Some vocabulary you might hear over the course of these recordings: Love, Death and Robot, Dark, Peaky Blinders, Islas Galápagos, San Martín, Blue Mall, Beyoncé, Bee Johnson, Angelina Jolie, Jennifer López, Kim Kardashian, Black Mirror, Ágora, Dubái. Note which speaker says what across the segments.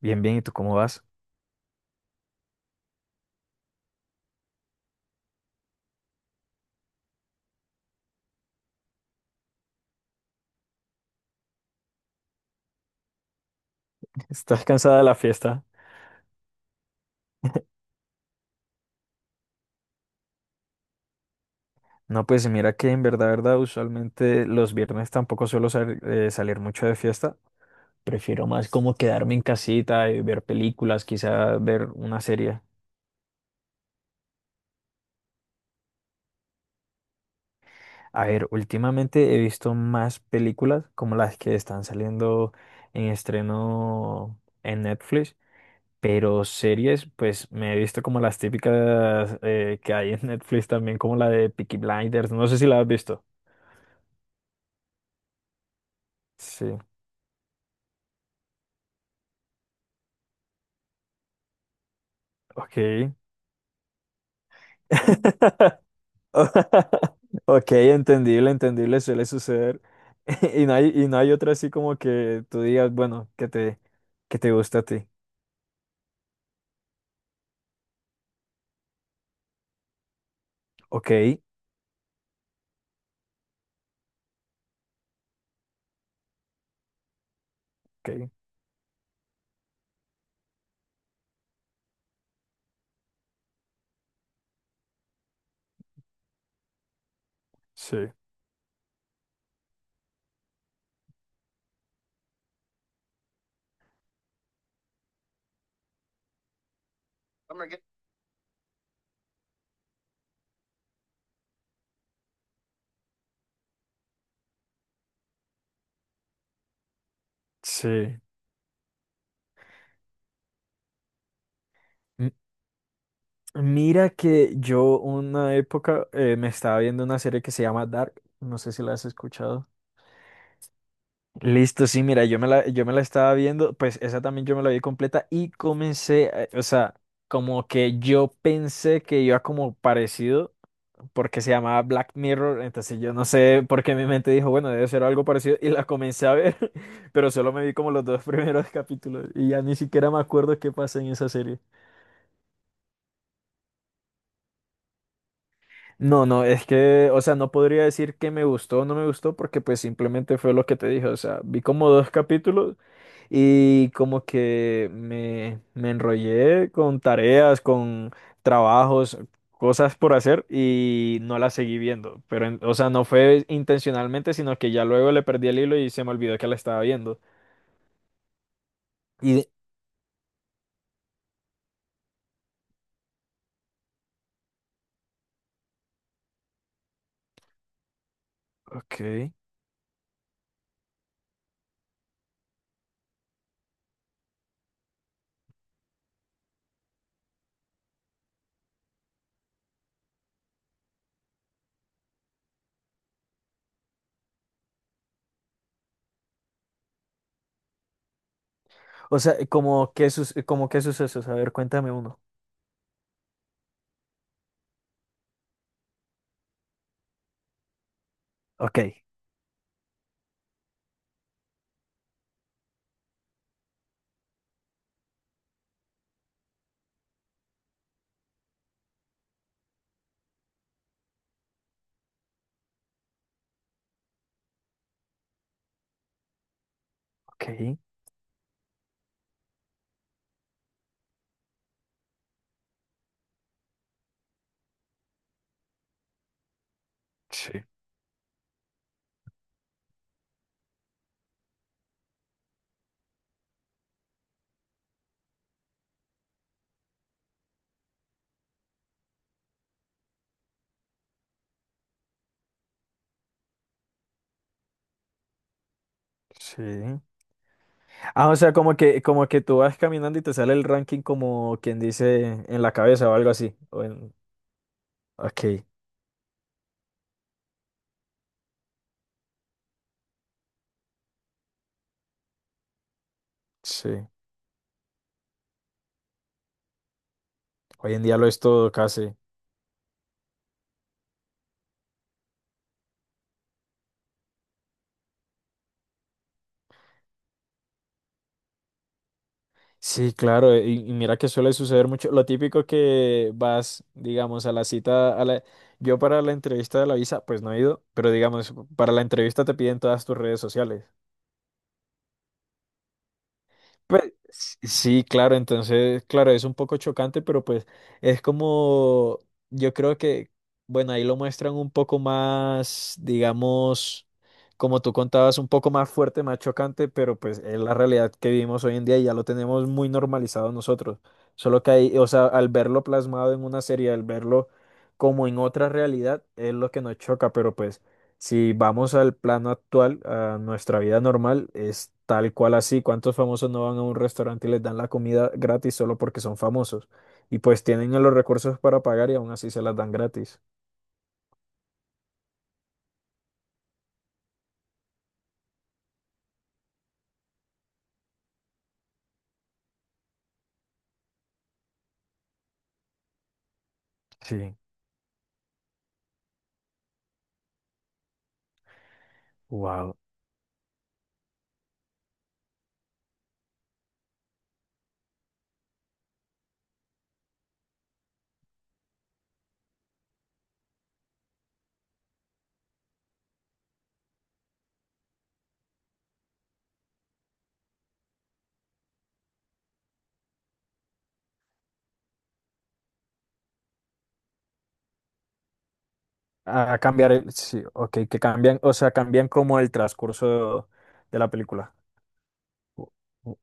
Speaker 1: Bien, bien, ¿y tú cómo vas? ¿Estás cansada de la fiesta? No, pues mira que en verdad, verdad, usualmente los viernes tampoco suelo salir mucho de fiesta. Prefiero más como quedarme en casita y ver películas, quizá ver una serie. A ver, últimamente he visto más películas como las que están saliendo en estreno en Netflix, pero series, pues me he visto como las típicas que hay en Netflix también, como la de Peaky Blinders. No sé si la has visto. Sí, ok. Ok, entendible, entendible, suele suceder. Y no hay otra así como que tú digas, bueno, que te gusta a ti. Ok, ok, sí, sí. M- Mira que yo una época me estaba viendo una serie que se llama Dark, no sé si la has escuchado. Listo, sí, mira, yo me la estaba viendo, pues esa también yo me la vi completa y comencé, o sea, como que yo pensé que iba como parecido, porque se llamaba Black Mirror, entonces yo no sé por qué mi mente dijo, bueno, debe ser algo parecido y la comencé a ver, pero solo me vi como los dos primeros capítulos y ya ni siquiera me acuerdo qué pasa en esa serie. No, no, es que, o sea, no podría decir que me gustó o no me gustó porque pues simplemente fue lo que te dije, o sea, vi como dos capítulos y como que me enrollé con tareas, con trabajos, cosas por hacer y no las seguí viendo, pero, o sea, no fue intencionalmente, sino que ya luego le perdí el hilo y se me olvidó que la estaba viendo. Y, de- ok, o sea, como qué sucesos, a ver, cuéntame uno. Ok, ok, sí, sí. Ah, o sea, como que tú vas caminando y te sale el ranking como quien dice en la cabeza o algo así. Ok, sí. Hoy en día lo es todo casi. Sí, claro, y mira que suele suceder mucho. Lo típico que vas, digamos, a la cita. Yo para la entrevista de la visa, pues no he ido, pero digamos, para la entrevista te piden todas tus redes sociales. Pues, sí, claro, entonces, claro, es un poco chocante, pero pues es como, yo creo que, bueno, ahí lo muestran un poco más, digamos, como tú contabas, un poco más fuerte, más chocante, pero pues es la realidad que vivimos hoy en día y ya lo tenemos muy normalizado nosotros. Solo que ahí, o sea, al verlo plasmado en una serie, al verlo como en otra realidad, es lo que nos choca, pero pues. Si vamos al plano actual, a nuestra vida normal, es tal cual así. ¿Cuántos famosos no van a un restaurante y les dan la comida gratis solo porque son famosos? Y pues tienen los recursos para pagar y aún así se las dan gratis. Sí, wow. A cambiar el, sí, ok, que cambian, o sea, cambian como el transcurso de la película. O- o-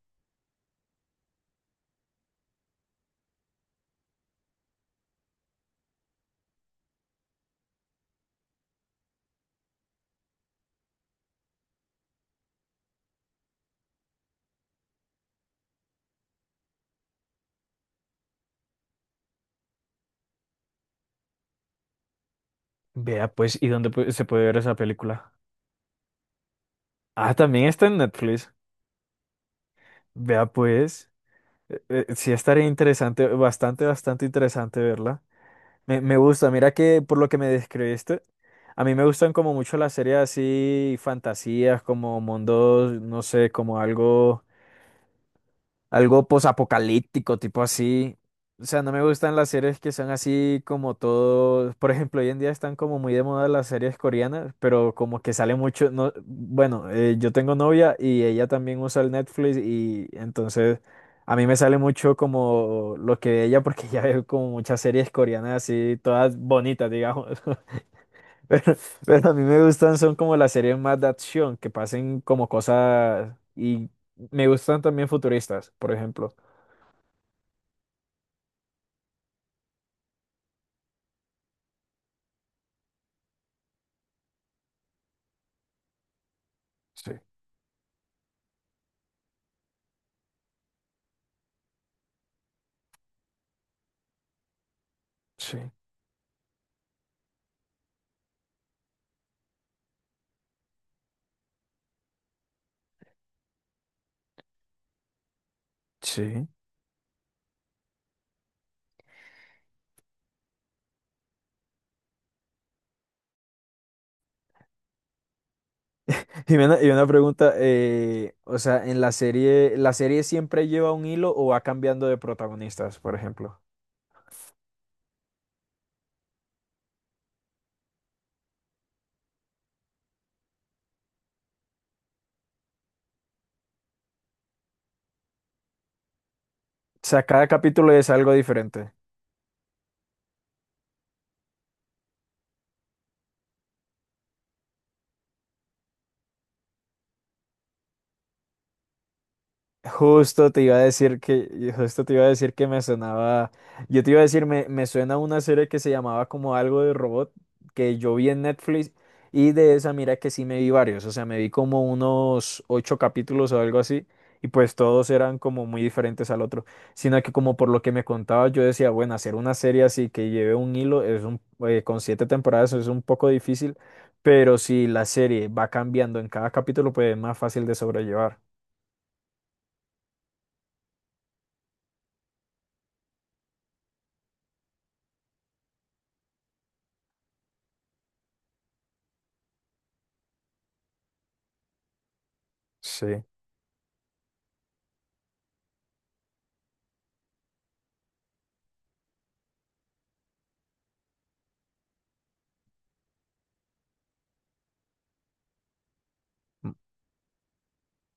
Speaker 1: Vea pues, ¿y dónde se puede ver esa película? Ah, también está en Netflix. Vea pues, sí estaría interesante, bastante, bastante interesante verla. Me gusta, mira que por lo que me describiste, a mí me gustan como mucho las series así, fantasías, como mundos, no sé, como algo. Algo posapocalíptico, tipo así. O sea, no me gustan las series que son así como todo. Por ejemplo, hoy en día están como muy de moda las series coreanas, pero como que sale mucho. No, bueno, yo tengo novia y ella también usa el Netflix y entonces a mí me sale mucho como lo que ve ella porque ya veo como muchas series coreanas así, todas bonitas, digamos. Pero, pero a mí me gustan son como las series más de acción, que pasen como cosas y me gustan también futuristas, por ejemplo. Sí, sí, sí. Y una pregunta, o sea, en ¿la serie siempre lleva un hilo o va cambiando de protagonistas, por ejemplo? O sea, cada capítulo es algo diferente. Justo te iba a decir que, justo te iba a decir que me sonaba, yo te iba a decir, me suena una serie que se llamaba como algo de robot, que yo vi en Netflix, y de esa mira que sí me vi varios, o sea, me vi como unos ocho capítulos o algo así, y pues todos eran como muy diferentes al otro, sino que como por lo que me contaba, yo decía, bueno, hacer una serie así que lleve un hilo, con siete temporadas es un poco difícil, pero si la serie va cambiando en cada capítulo, pues es más fácil de sobrellevar. Sí.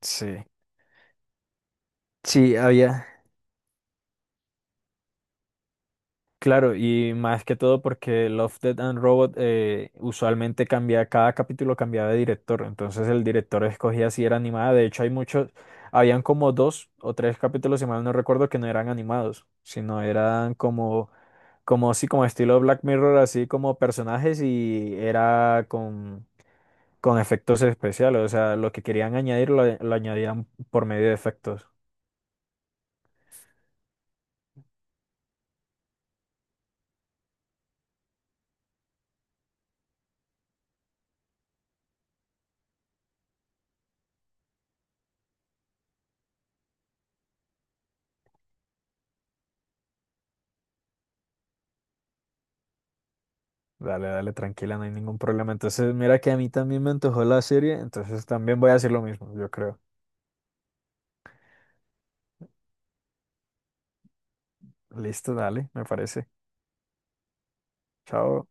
Speaker 1: Sí, sí, había, claro, y más que todo porque Love, Death and Robot usualmente cambia, cada capítulo cambiaba de director, entonces el director escogía si era animada, de hecho hay muchos, habían como dos o tres capítulos, si mal no recuerdo, que no eran animados, sino eran como así, como estilo Black Mirror, así como personajes y era con efectos especiales, o sea, lo que querían añadir lo añadían por medio de efectos. Dale, dale, tranquila, no hay ningún problema. Entonces, mira que a mí también me antojó la serie, entonces también voy a hacer lo mismo, yo creo. Listo, dale, me parece. Chao.